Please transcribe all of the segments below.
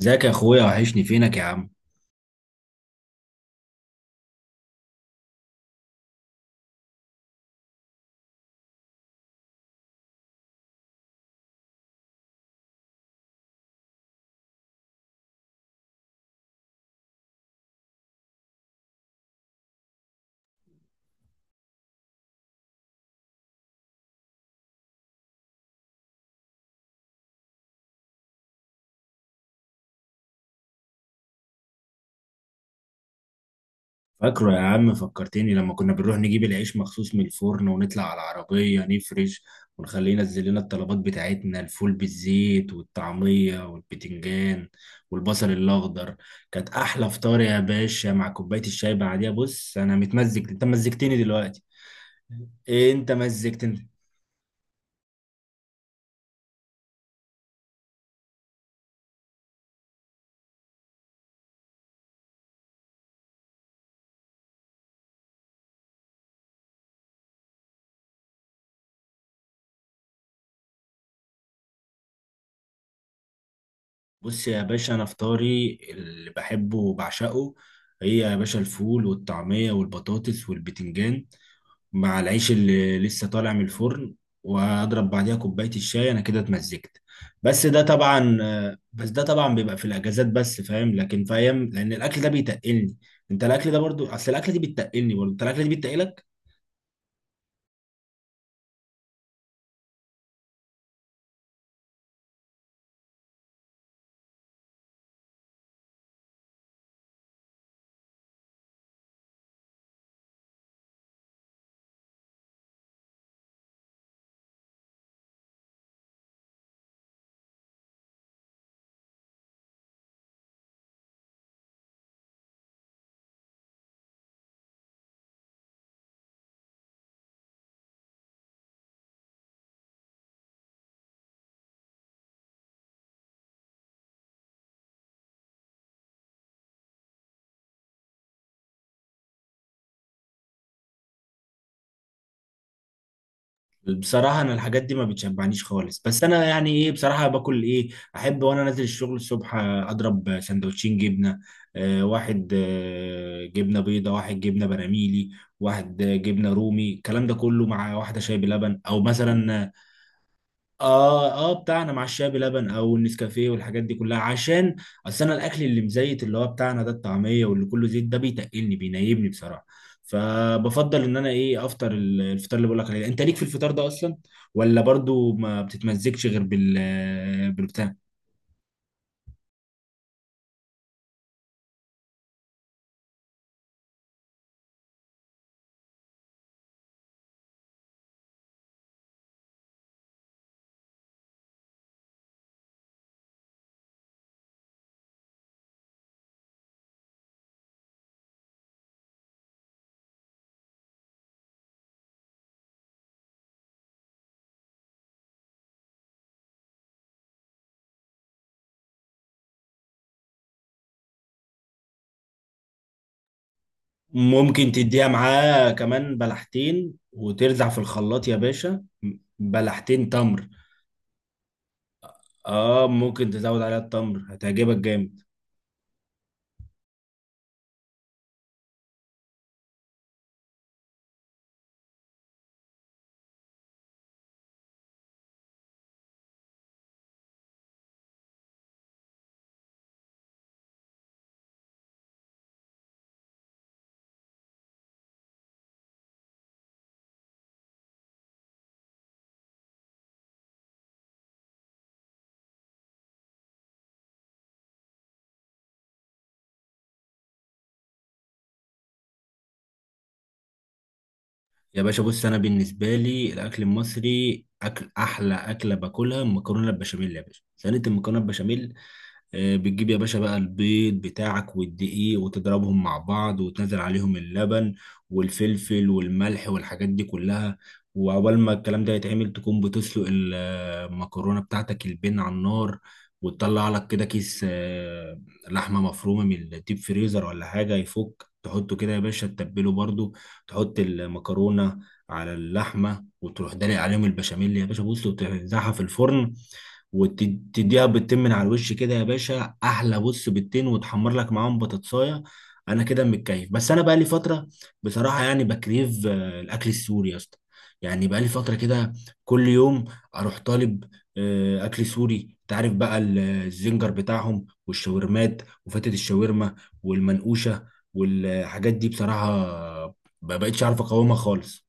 ازيك يا اخويا، وحشني فينك يا عم. فاكره يا عم، فكرتني لما كنا بنروح نجيب العيش مخصوص من الفرن ونطلع على العربية نفرش ونخليه ينزل لنا الطلبات بتاعتنا، الفول بالزيت والطعمية والبتنجان والبصل الأخضر. كانت أحلى فطار يا باشا مع كوباية الشاي بعديها. بص أنا متمزج، أنت مزجتني دلوقتي. إيه أنت مزجتني. بص يا باشا، أنا فطاري اللي بحبه وبعشقه هي يا باشا الفول والطعمية والبطاطس والبتنجان مع العيش اللي لسه طالع من الفرن، وهضرب بعديها كوباية الشاي. انا كده اتمزجت. بس ده طبعا بس ده طبعا بيبقى في الاجازات بس، فاهم، لكن في ايام لان الاكل ده بيتقلني. انت الاكل ده برضو، اصل الاكل دي بتتقلني برضو، انت الاكل دي بتتقلك. بصراحة أنا الحاجات دي ما بتشبعنيش خالص، بس أنا يعني إيه بصراحة باكل إيه. أحب وأنا نازل الشغل الصبح أضرب سندوتشين جبنة. واحد جبنة بيضة، واحد جبنة براميلي، واحد جبنة رومي، الكلام ده كله مع واحدة شاي بلبن أو مثلا. اه اه بتاعنا مع الشاي بلبن او النسكافيه والحاجات دي كلها، عشان اصل انا الاكل اللي مزيت اللي هو بتاعنا ده الطعميه واللي كله زيت ده بيتقلني بينيبني بصراحه. فبفضل ان انا ايه افطر الفطار اللي بقول لك عليه ده. انت ليك في الفطار ده اصلا ولا برضو ما بتتمزجش غير بالبتاع. ممكن تديها معاه كمان بلحتين وترزع في الخلاط يا باشا. بلحتين تمر، اه ممكن تزود عليها التمر هتعجبك جامد. يا باشا بص، انا بالنسبه لي الاكل المصري اكل، احلى اكله باكلها المكرونه البشاميل. يا باشا صينيه المكرونه البشاميل، بتجيب يا باشا بقى البيض بتاعك والدقيق وتضربهم مع بعض وتنزل عليهم اللبن والفلفل والملح والحاجات دي كلها، وعقبال ما الكلام ده يتعمل تكون بتسلق المكرونة بتاعتك البن على النار، وتطلع لك كده كيس لحمة مفرومة من الديب فريزر ولا حاجة يفك تحطه كده يا باشا تتبله برضو، تحط المكرونة على اللحمة وتروح دلق عليهم البشاميل يا باشا بص وتنزعها في الفرن، وتديها بالتين من على الوش كده يا باشا، احلى بص بالتين، وتحمر لك معاهم بطاطسايه. انا كده متكيف. بس انا بقى لي فتره بصراحه، يعني بكريف الاكل السوري يا اسطى. يعني بقى لي فتره كده كل يوم اروح طالب اكل سوري. تعرف بقى الزنجر بتاعهم والشاورمات وفتة الشاورما والمنقوشه والحاجات دي، بصراحه ما بقتش عارف اقاومها خالص.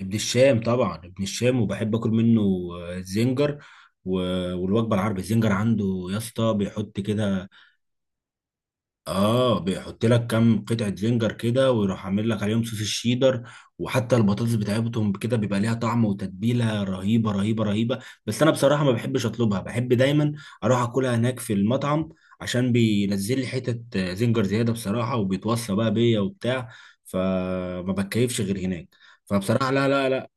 ابن الشام طبعا، ابن الشام وبحب اكل منه، زنجر و- والوجبه العربي الزنجر عنده يا اسطى بيحط كده. اه، بيحط لك كام قطعه زنجر كده ويروح عامل لك عليهم صوص الشيدر، وحتى البطاطس بتاعتهم كده بيبقى ليها طعم وتتبيله رهيبه رهيبه رهيبه. بس انا بصراحه ما بحبش اطلبها، بحب دايما اروح اكلها هناك في المطعم، عشان بينزل لي حتت زنجر زياده بصراحه وبيتوصى بقى بيا وبتاع، فما بتكيفش غير هناك. فبصراحه لا لا لا.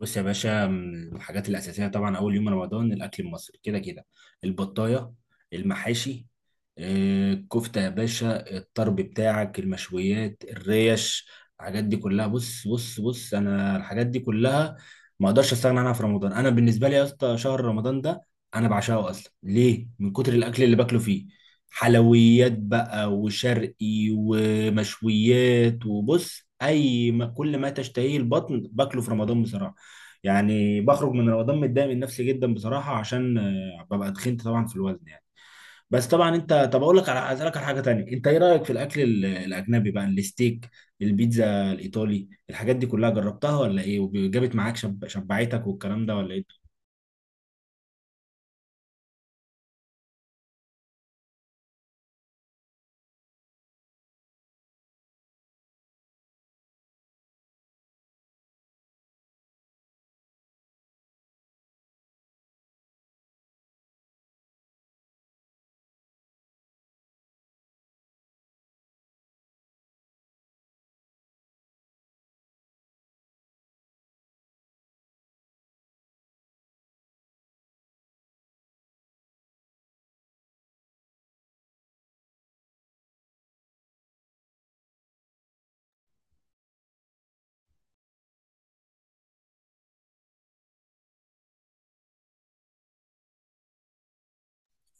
بص يا باشا، من الحاجات الأساسية طبعا أول يوم رمضان، الأكل المصري كده كده، البطاية، المحاشي، الكفتة يا باشا، الطرب بتاعك، المشويات، الريش، الحاجات دي كلها. بص بص بص، أنا الحاجات دي كلها ما أقدرش أستغنى عنها في رمضان. أنا بالنسبة لي يا اسطى شهر رمضان ده أنا بعشقه أصلا. ليه؟ من كتر الأكل اللي باكله فيه. حلويات بقى وشرقي ومشويات، وبص أي ما كل ما تشتهيه البطن باكله في رمضان بصراحة. يعني بخرج من رمضان متضايق من نفسي جدا بصراحه، عشان ببقى تخنت طبعا في الوزن يعني. بس طبعا انت، طب اقول لك على، اسالك على حاجه تانية، انت ايه رايك في الاكل الاجنبي بقى؟ الستيك، البيتزا الايطالي، الحاجات دي كلها جربتها ولا ايه وجابت معاك شبعتك والكلام ده ولا ايه؟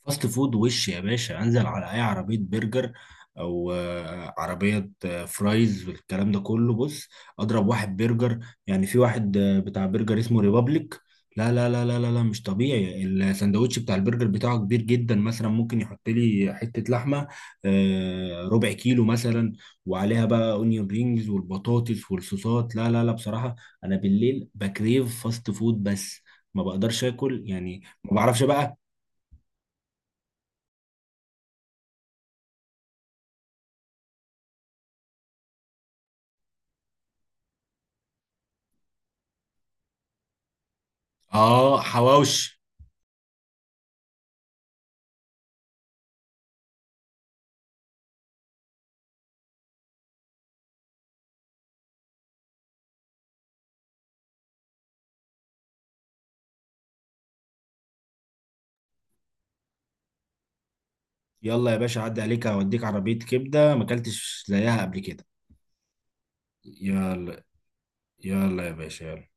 فاست فود وش يا باشا، انزل على اي عربيه برجر او عربيه فرايز والكلام ده كله، بص اضرب واحد برجر. يعني في واحد بتاع برجر اسمه ريبابليك، لا لا لا لا لا لا مش طبيعي، الساندوتش بتاع البرجر بتاعه كبير جدا، مثلا ممكن يحط لي حته لحمه ربع كيلو مثلا، وعليها بقى اونيون رينجز والبطاطس والصوصات. لا لا لا بصراحه، انا بالليل بكريف فاست فود بس، ما بقدرش اكل، يعني ما بعرفش بقى. اه حواوشي. يلا يا باشا، عدي عليك اوديك عربية كبدة ما اكلتش زيها قبل كده. يلا. يلا يا باشا يلا.